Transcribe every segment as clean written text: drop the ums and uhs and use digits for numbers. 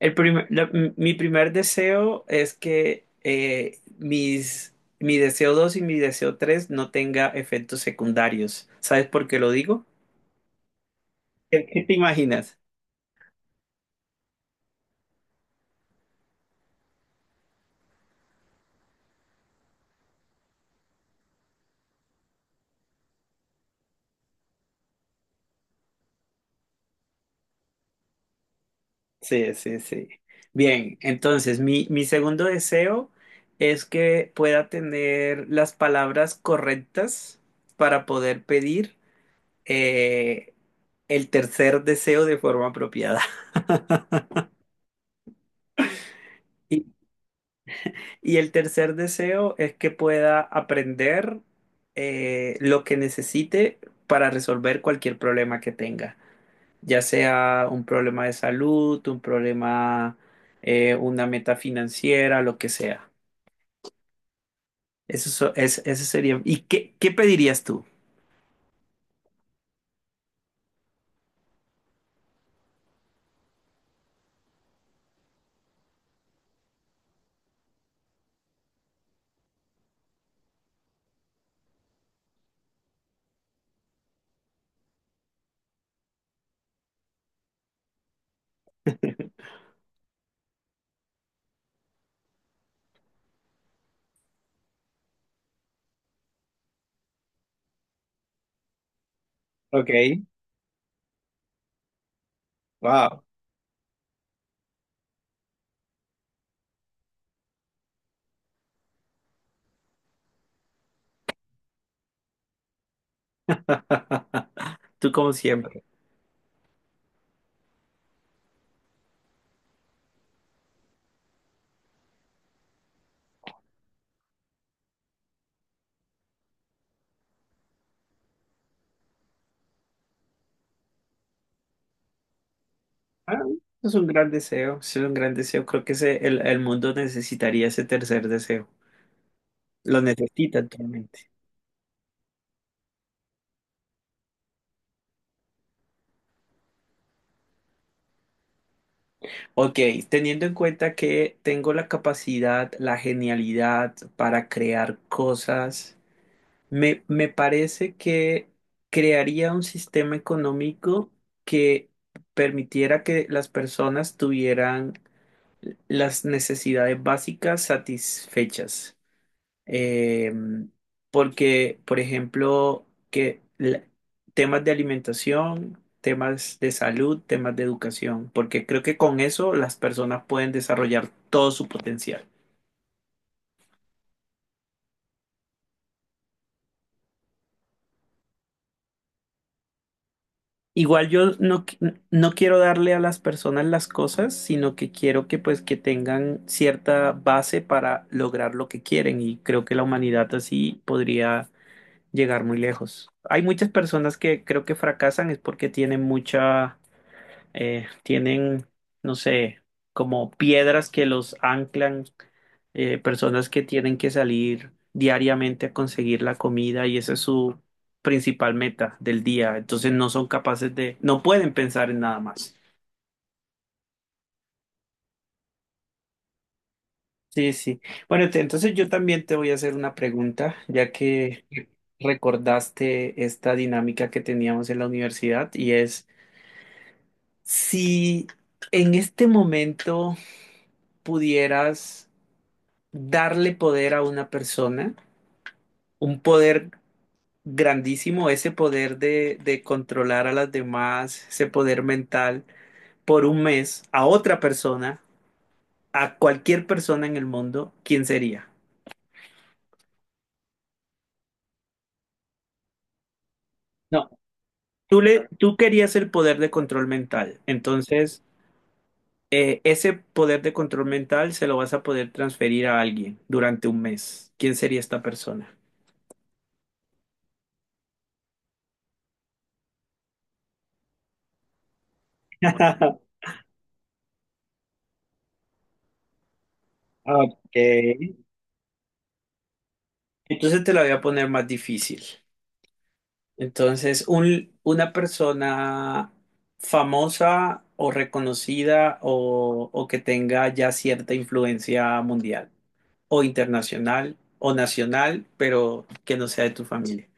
El primer- la- mi primer deseo es que mi deseo 2 y mi deseo 3 no tenga efectos secundarios. ¿Sabes por qué lo digo? ¿Qué, qué te imaginas? Sí, sí, sí. Bien, entonces mi segundo deseo es que pueda tener las palabras correctas para poder pedir eh, el tercer deseo de forma apropiada. Y el tercer deseo es que pueda aprender lo que necesite para resolver cualquier problema que tenga, ya sea un problema de salud, un problema, una meta financiera, lo que sea. Ese sería. ¿Y qué, qué pedirías tú? Ok, wow. Tú como siempre. Ah, es un gran deseo, es un gran deseo. Creo que el mundo necesitaría ese tercer deseo. Lo necesita actualmente. Ok, teniendo en cuenta que tengo la capacidad, la genialidad para crear cosas, me parece que crearía un sistema económico que permitiera que las personas tuvieran las necesidades básicas satisfechas. Eh, Porque, por ejemplo, temas de alimentación, temas de salud, temas de educación, porque creo que con eso las personas pueden desarrollar todo su potencial. Igual yo no, no quiero darle a las personas las cosas, sino que quiero que pues que tengan cierta base para lograr lo que quieren y creo que la humanidad así podría llegar muy lejos. Hay muchas personas que creo que fracasan es porque tienen mucha eh, tienen, no sé, como piedras que los anclan, personas que tienen que salir diariamente a conseguir la comida y esa es su principal meta del día. Entonces no son capaces de, no pueden pensar en nada más. Sí, sí. Bueno, entonces yo también te voy a hacer una pregunta, ya que recordaste esta dinámica que teníamos en la universidad y es si en este momento pudieras darle poder a una persona, un poder grandísimo, ese poder de controlar a las demás, ese poder mental, por un mes a otra persona, a cualquier persona en el mundo, ¿quién sería? No, tú querías el poder de control mental, entonces ese poder de control mental se lo vas a poder transferir a alguien durante un mes. ¿Quién sería esta persona? Ok. Entonces te la voy a poner más difícil. Entonces, una persona famosa o reconocida o que tenga ya cierta influencia mundial o internacional o nacional, pero que no sea de tu familia.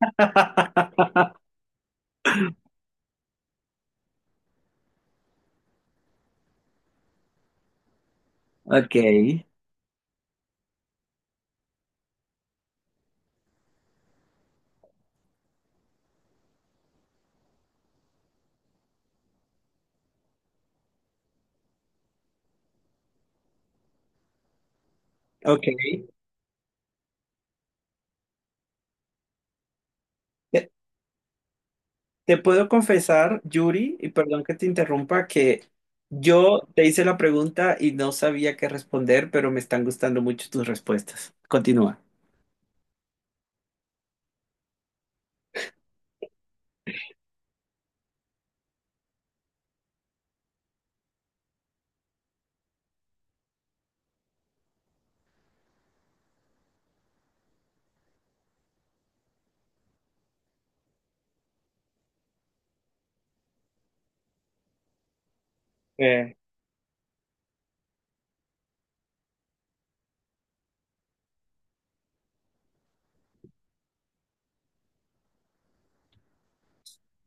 Ok. Ok. Te, te puedo confesar, Yuri, y perdón que te interrumpa, que yo te hice la pregunta y no sabía qué responder, pero me están gustando mucho tus respuestas. Continúa. Eh,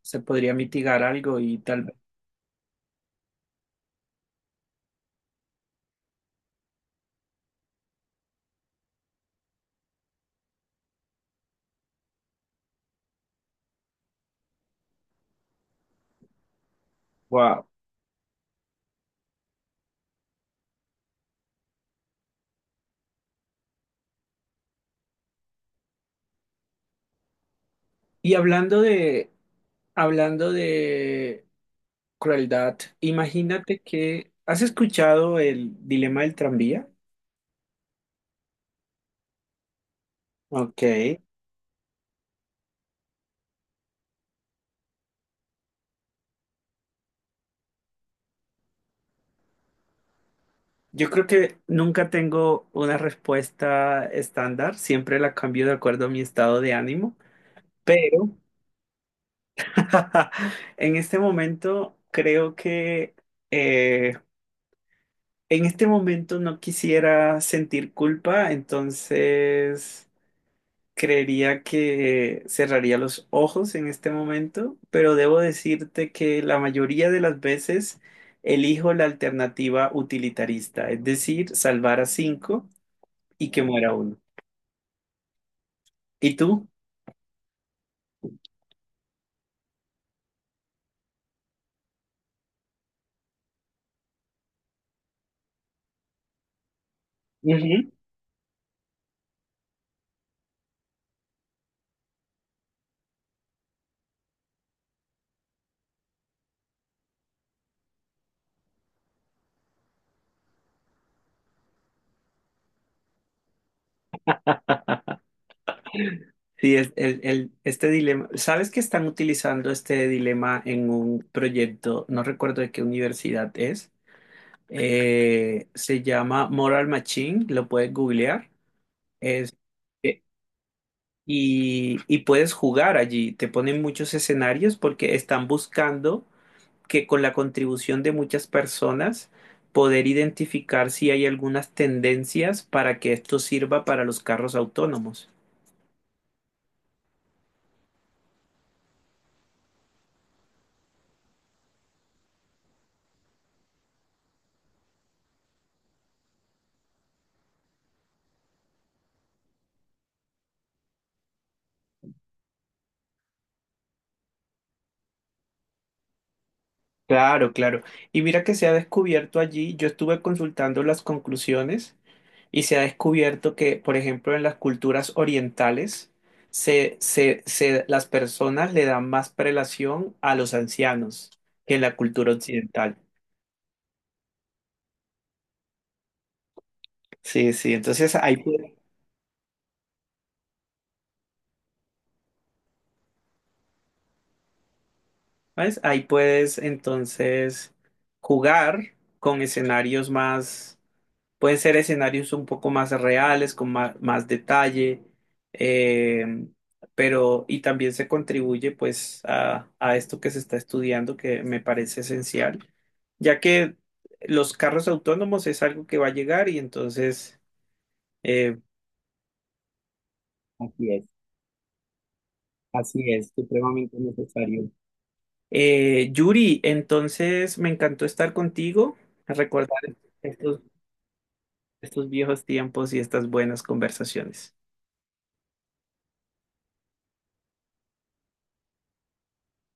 se podría mitigar algo y tal vez. Wow. Y hablando de crueldad, imagínate que, ¿has escuchado el dilema del tranvía? Ok, yo creo que nunca tengo una respuesta estándar, siempre la cambio de acuerdo a mi estado de ánimo, pero en este momento creo que eh, en este momento no quisiera sentir culpa, entonces creería que cerraría los ojos en este momento, pero debo decirte que la mayoría de las veces elijo la alternativa utilitarista, es decir, salvar a 5 y que muera 1. ¿Y tú? Ujú. Sí, este dilema, ¿sabes que están utilizando este dilema en un proyecto? No recuerdo de qué universidad es. Se llama Moral Machine, lo puedes googlear. Y, y puedes jugar allí. Te ponen muchos escenarios porque están buscando que con la contribución de muchas personas poder identificar si hay algunas tendencias para que esto sirva para los carros autónomos. Claro, claro. Y mira que se ha descubierto allí, yo estuve consultando las conclusiones y se ha descubierto que, por ejemplo, en las culturas orientales, se, las personas le dan más prelación a los ancianos que en la cultura occidental. Sí, sí, entonces ahí, pu- ¿ves? Ahí puedes entonces jugar con escenarios más, pueden ser escenarios un poco más reales, más, detalle, eh, pero y también se contribuye pues a esto que se está estudiando que me parece esencial, ya que los carros autónomos es algo que va a llegar y entonces... eh, así es, así es, supremamente necesario. Yuri, entonces me encantó estar contigo, recordar estos, estos viejos tiempos y estas buenas conversaciones.